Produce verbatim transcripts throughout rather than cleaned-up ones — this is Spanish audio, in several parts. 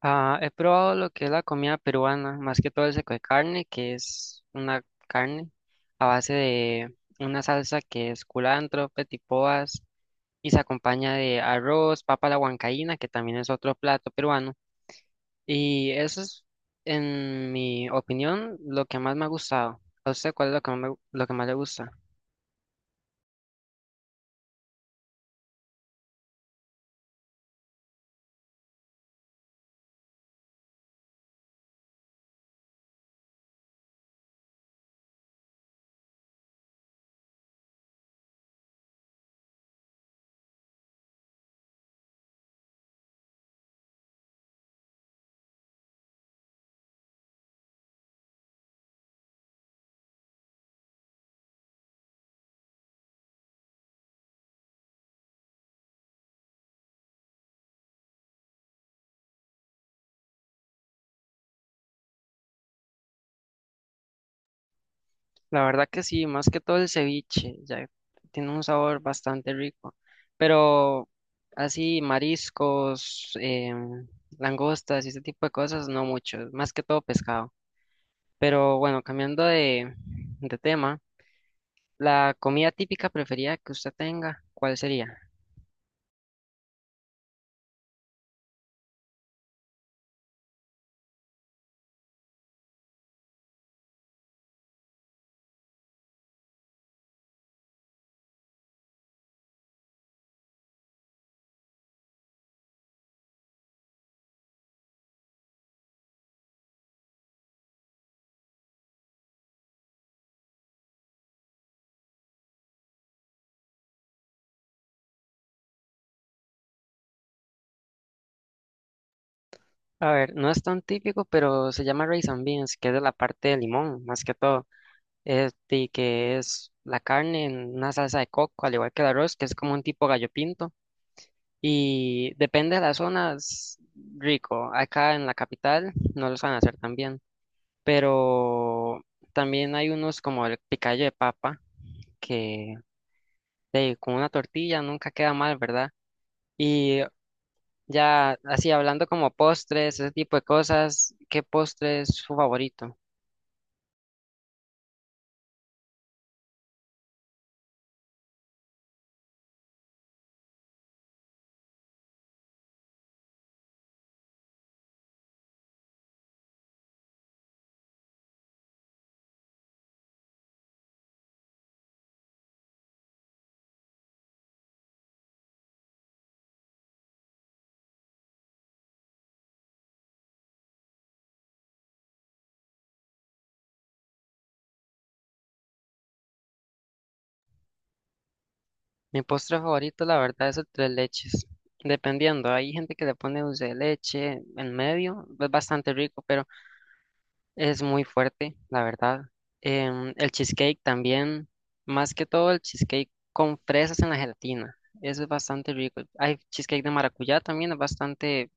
Ah, he probado lo que es la comida peruana, más que todo el seco de carne, que es una carne a base de una salsa que es culantro, petipoas y se acompaña de arroz, papa a la huancaína, que también es otro plato peruano. Y eso es, en mi opinión, lo que más me ha gustado. ¿A usted cuál es lo que más, me- lo que más le gusta? La verdad que sí, más que todo el ceviche, ya tiene un sabor bastante rico. Pero así mariscos, em, langostas y ese tipo de cosas, no mucho, más que todo pescado. Pero bueno, cambiando de, de tema, la comida típica preferida que usted tenga, ¿cuál sería? A ver, no es tan típico, pero se llama rice and beans, que es de la parte de limón, más que todo. Este, que es la carne en una salsa de coco, al igual que el arroz, que es como un tipo gallo pinto. Y depende de las zonas, rico. Acá en la capital no los van a hacer tan bien. Pero también hay unos como el picayo de papa, que de, con una tortilla nunca queda mal, ¿verdad? Y ya así hablando como postres, ese tipo de cosas, ¿qué postre es su favorito? Mi postre favorito, la verdad, es el tres leches. Dependiendo, hay gente que le pone dulce de leche en medio, es bastante rico, pero es muy fuerte, la verdad. Em, el cheesecake también, más que todo el cheesecake con fresas en la gelatina. Eso es bastante rico. Hay cheesecake de maracuyá también, es bastante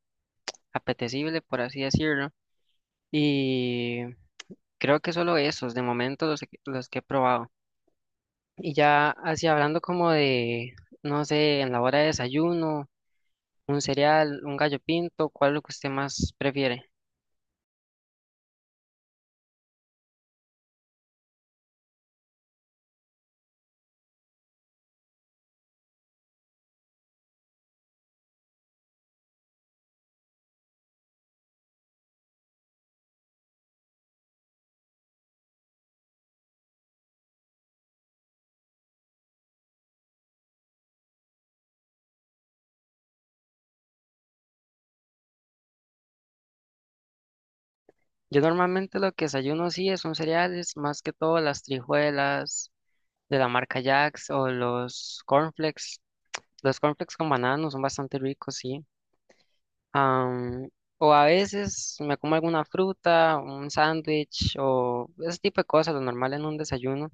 apetecible, por así decirlo. Y creo que solo esos, de momento, los, que- los que he probado. Y ya así hablando como de, no sé, en la hora de desayuno, un cereal, un gallo pinto, ¿cuál es lo que usted más prefiere? Yo normalmente lo que desayuno sí es un cereales, más que todo las trijuelas de la marca Jax o los cornflakes. Los cornflakes con banano son bastante ricos, sí. Am, o a veces me como alguna fruta, un sándwich o ese tipo de cosas, lo normal en un desayuno.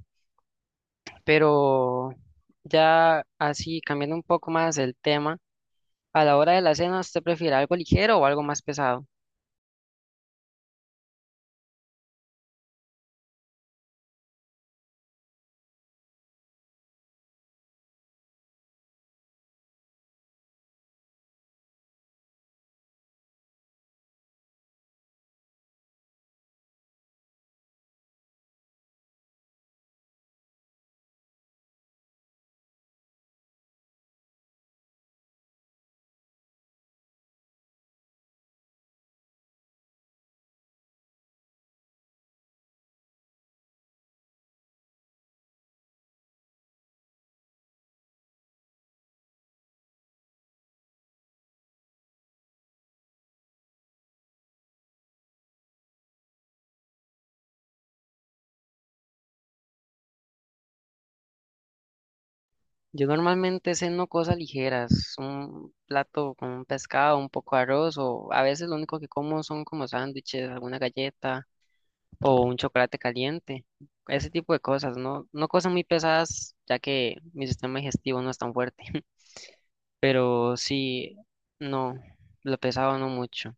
Pero ya así, cambiando un poco más el tema, a la hora de la cena, ¿usted prefiere algo ligero o algo más pesado? Yo normalmente ceno cosas ligeras, un plato con un pescado, un poco de arroz, o a veces lo único que como son como sándwiches, alguna galleta o un chocolate caliente, ese tipo de cosas, no, no cosas muy pesadas, ya que mi sistema digestivo no es tan fuerte, pero sí, no, lo pesado no mucho.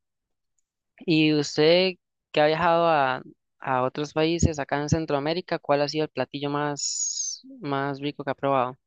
¿Y usted que ha viajado a, a otros países acá en Centroamérica, cuál ha sido el platillo más, más rico que ha probado?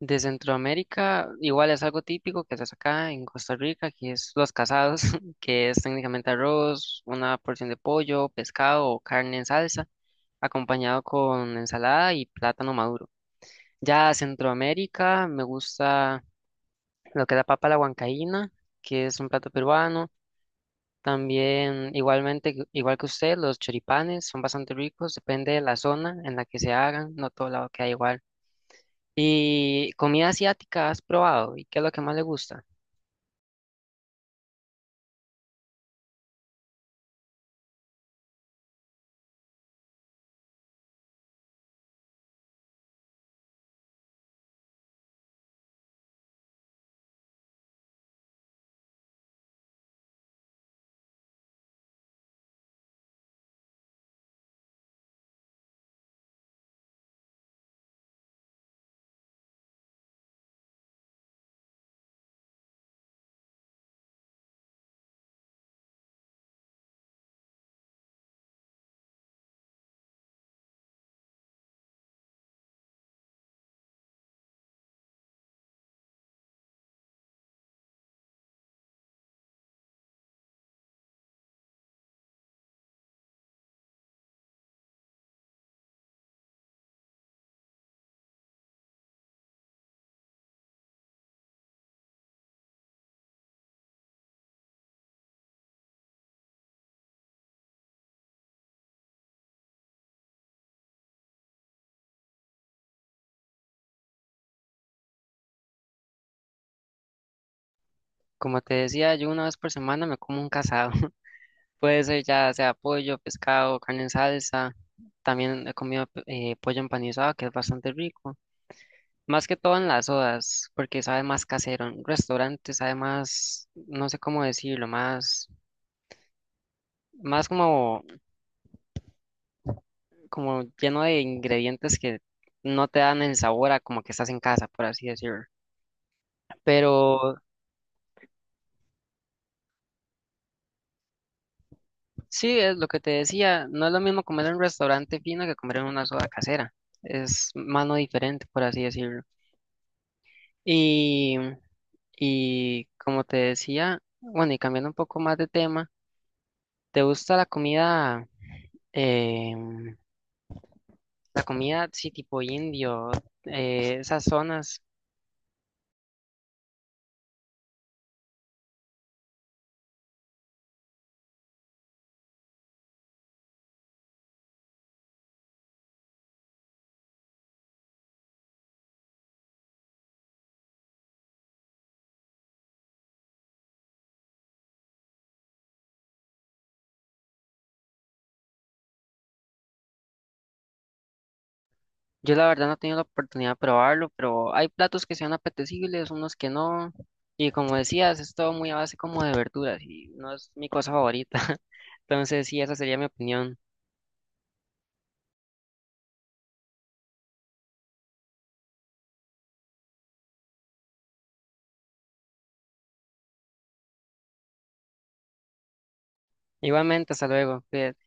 De Centroamérica, igual es algo típico que se hace acá en Costa Rica, que es los casados, que es técnicamente arroz, una porción de pollo, pescado o carne en salsa, acompañado con ensalada y plátano maduro. Ya Centroamérica, me gusta lo que es la papa a la huancaína, que es un plato peruano. También, igualmente, que- igual que usted, los choripanes son bastante ricos, depende de la zona en la que se hagan, no todo lado queda igual. ¿Y comida asiática has probado? ¿Y qué es lo que más le gusta? Como te decía, yo una vez por semana me como un casado. Puede ser ya sea pollo, pescado, carne en salsa. También he comido eh, pollo empanizado, que es bastante rico. Más que todo en las sodas, porque sabe más casero. En restaurantes sabe más, no sé cómo decirlo, más, más como, como lleno de ingredientes que no te dan el sabor a como que estás en casa, por así decirlo. Pero sí, es lo que te decía, no es lo mismo comer en un restaurante fino que comer en una soda casera. Es mano diferente, por así decirlo. Y, y como te decía, bueno, y cambiando un poco más de tema, ¿te gusta la comida? em, La comida, sí, tipo indio, eh, esas zonas. Yo la verdad no he tenido la oportunidad de probarlo, pero hay platos que sean apetecibles, unos que no. Y como decías, es todo muy a base como de verduras y no es mi cosa favorita. Entonces, sí, esa sería mi opinión. Igualmente, hasta luego. Cuídate.